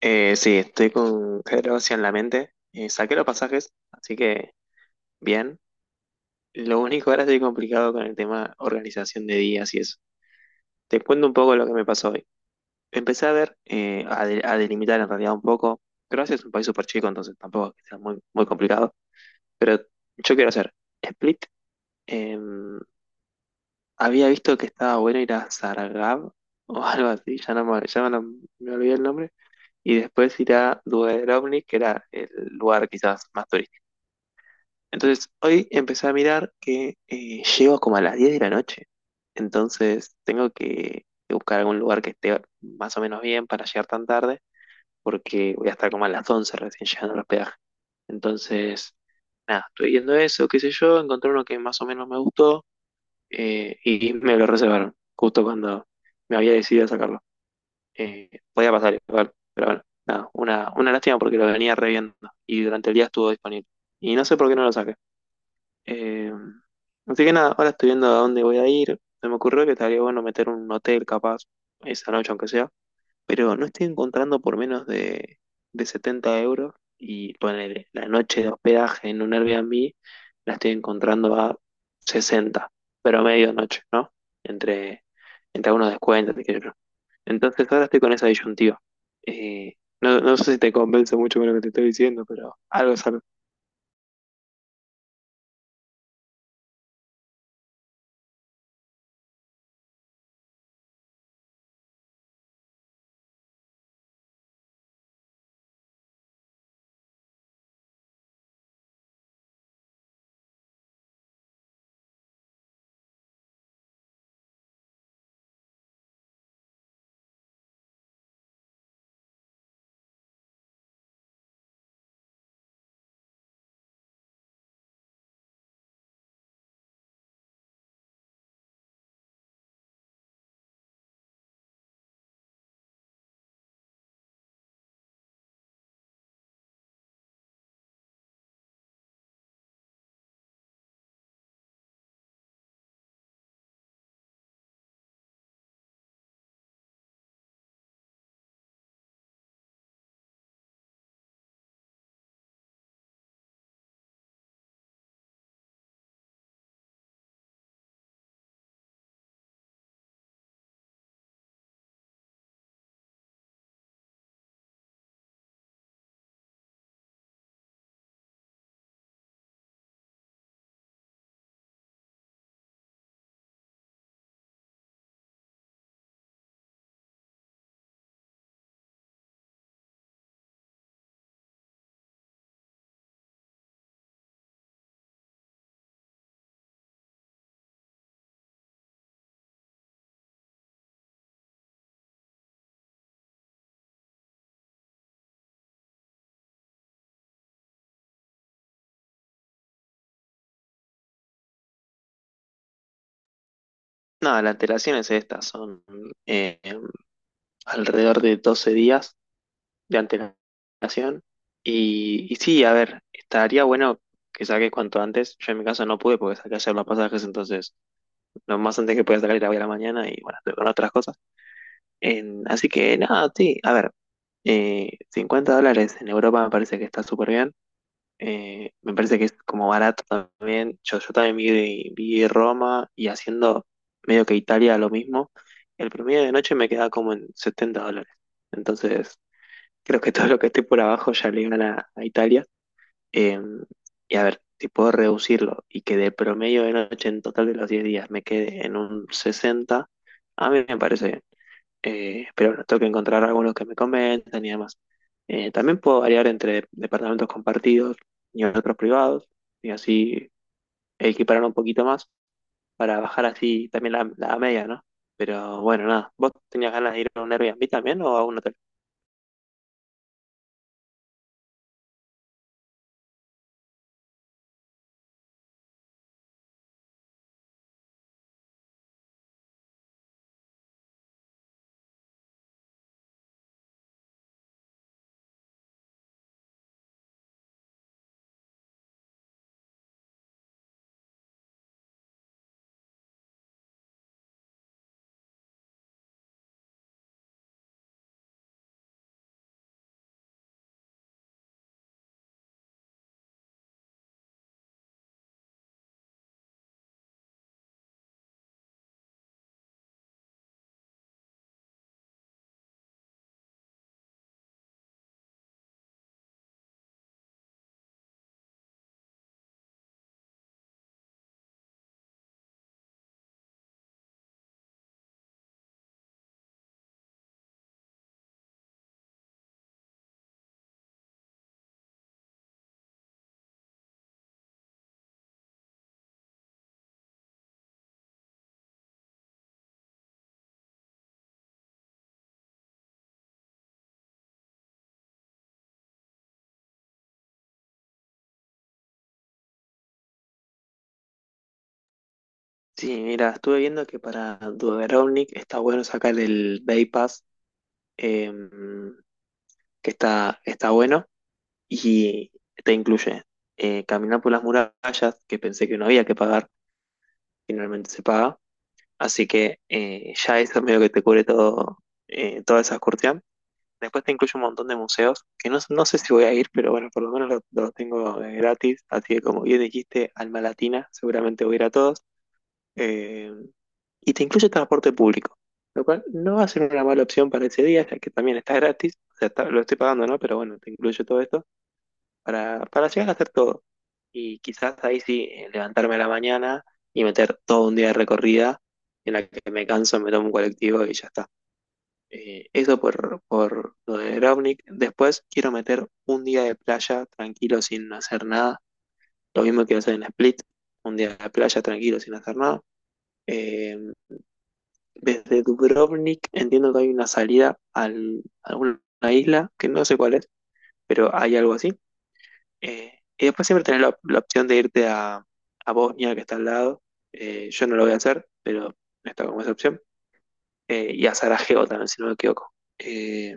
Sí, estoy con Pedro Ossi en la mente. Saqué los pasajes, así que bien. Lo único ahora estoy complicado con el tema organización de días y eso. Te cuento un poco lo que me pasó hoy. Empecé a ver, a delimitar en realidad un poco. Croacia es un país súper chico, entonces tampoco es que sea muy, muy complicado. Pero yo quiero hacer Split. em, Había visto que estaba bueno ir a Saragab o algo así, me olvidé el nombre. Y después ir a Dubrovnik, que era el lugar quizás más turístico. Entonces, hoy empecé a mirar que llego como a las 10 de la noche. Entonces, tengo que buscar algún lugar que esté más o menos bien para llegar tan tarde, porque voy a estar como a las 11 recién llegando al hospedaje. Entonces, nada, estoy viendo eso, qué sé yo, encontré uno que más o menos me gustó, y me lo reservaron, justo cuando me había decidido a sacarlo. Podía pasar igual, pero bueno, nada, una lástima porque lo venía reviendo y durante el día estuvo disponible. Y no sé por qué no lo saqué. Eh, Así que nada, ahora estoy viendo a dónde voy a ir. Se me ocurrió que estaría bueno meter un hotel capaz esa noche, aunque sea. Pero no estoy encontrando por menos de 70 euros. Y poner la noche de hospedaje en un Airbnb la estoy encontrando a 60 pero medianoche, ¿no? Entre, entre algunos descuentos, qué sé yo. Entonces ahora estoy con esa disyuntiva. Eh, no, no sé si te convence mucho con lo que te estoy diciendo, pero algo es algo. No, las antelación es esta, son alrededor de 12 días de antelación. Y sí, a ver, estaría bueno que saques cuanto antes. Yo en mi caso no pude porque saqué ayer los pasajes, entonces lo más antes que podía sacar era hoy a la mañana y bueno, estoy con otras cosas. Así que nada, sí, a ver, $50 en Europa me parece que está súper bien. Me parece que es como barato también. Yo también vi Roma y haciendo medio que Italia lo mismo. El promedio de noche me queda como en $70. Entonces, creo que todo lo que esté por abajo ya le iban a Italia. Eh, y a ver, si puedo reducirlo y que del promedio de noche en total de los 10 días me quede en un 60 a mí me parece bien. Pero bueno, tengo que encontrar algunos que me comentan y demás. También puedo variar entre departamentos compartidos y otros privados, y así equiparar un poquito más para bajar así también la media, ¿no? Pero bueno, nada. ¿Vos tenías ganas de ir a un Airbnb también o a uno? Sí, mira, estuve viendo que para Dudovnik está bueno sacar el Bay Pass, eh, que está bueno, y te incluye caminar por las murallas, que pensé que no había que pagar, finalmente se paga, así que ya eso medio que te cubre todo, toda esa excursión. Después te incluye un montón de museos, que no, no sé si voy a ir, pero bueno, por lo menos los tengo gratis, así que como bien dijiste, alma latina, seguramente voy a ir a todos. Em, y te incluye transporte público, lo cual no va a ser una mala opción para ese día, ya que también está gratis, o sea, lo estoy pagando, ¿no? Pero bueno, te incluye todo esto para llegar a hacer todo. Y quizás ahí sí, levantarme a la mañana y meter todo un día de recorrida en la que me canso, me tomo un colectivo y ya está. Eso por lo de Dubrovnik. Después quiero meter un día de playa tranquilo sin hacer nada. Lo mismo quiero hacer en Split, un día de playa tranquilo sin hacer nada. Eh, Desde Dubrovnik entiendo que hay una salida a alguna isla, que no sé cuál es, pero hay algo así. Y después siempre tenés la opción de irte a Bosnia, que está al lado. Yo no lo voy a hacer, pero no está como esa opción. Y a Sarajevo también, si no me equivoco. Eh,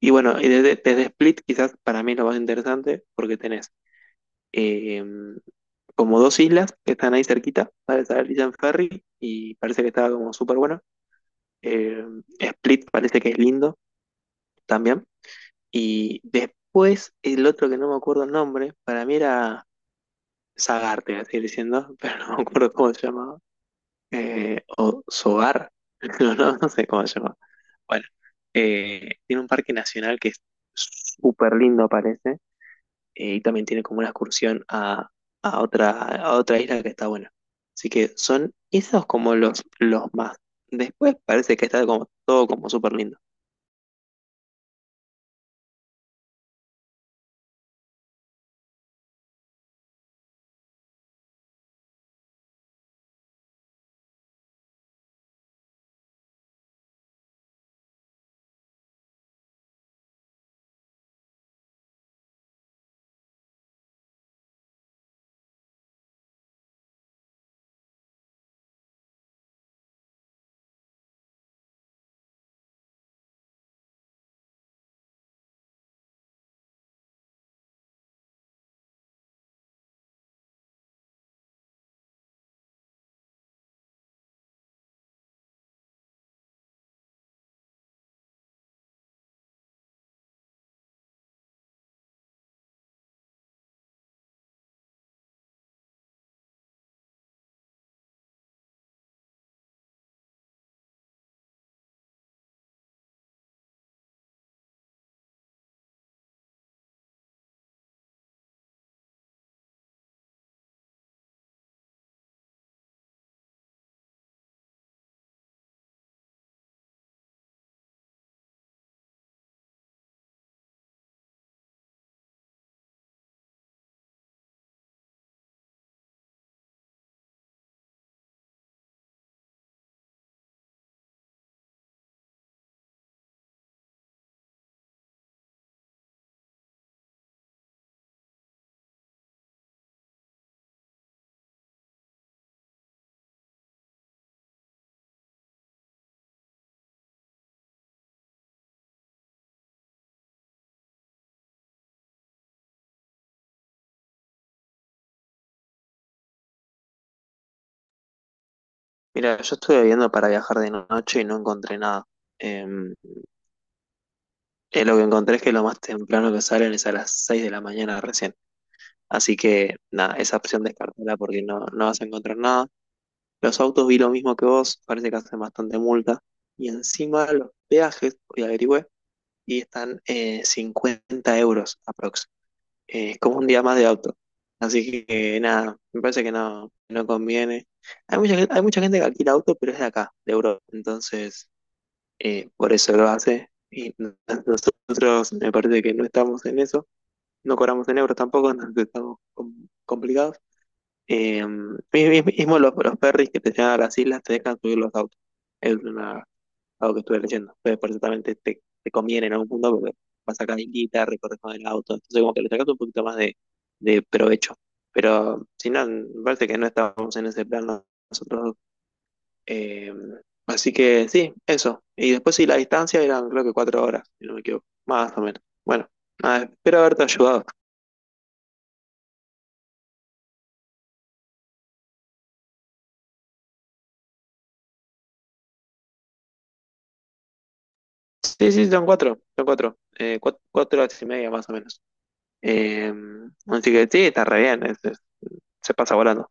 y bueno, y desde Split quizás para mí es lo más interesante porque tenés eh, como dos islas que están ahí cerquita para salir en ferry y parece que está como súper bueno. Eh, Split parece que es lindo, también. Y después el otro que no me acuerdo el nombre, para mí era Zagarte, voy a seguir diciendo, pero no me acuerdo cómo se llamaba. O Sogar, no, no, no sé cómo se llamaba. Bueno, tiene un parque nacional que es súper lindo, parece, y también tiene como una excursión a otra isla que está buena. Así que son esos como los más. Después parece que está como todo como súper lindo. Mira, yo estuve viendo para viajar de noche y no encontré nada. Eh, lo que encontré es que lo más temprano que salen es a las 6 de la mañana recién. Así que nada, esa opción descartala porque no, no vas a encontrar nada. Los autos vi lo mismo que vos, parece que hacen bastante multa. Y encima los peajes, hoy averigüé, y están 50 € aprox. Es como un día más de auto. Así que nada, me parece que no, no conviene. Hay mucha gente que alquila auto, pero es de acá, de Europa. Entonces, por eso lo hace. Nosotros me parece que no estamos en eso, no cobramos en euros tampoco, entonces estamos complicados. Eh, mi- Mismo los ferries que te llevan a las islas te dejan subir los autos. Es una, Algo que estuve leyendo. Entonces, por eso también te conviene en algún punto porque vas acá guita, recorres con el auto. Entonces, como que le sacas un poquito más de provecho. Pero si no, me parece que no estamos en ese plan nosotros dos. Eh, Así que sí, eso. Y después sí, la distancia eran creo que 4 horas, si no me equivoco, más o menos. Bueno, nada, espero haberte ayudado. Sí, sí, son cuatro horas y media más o menos. Eh, Así que sí, está re bien, se pasa volando.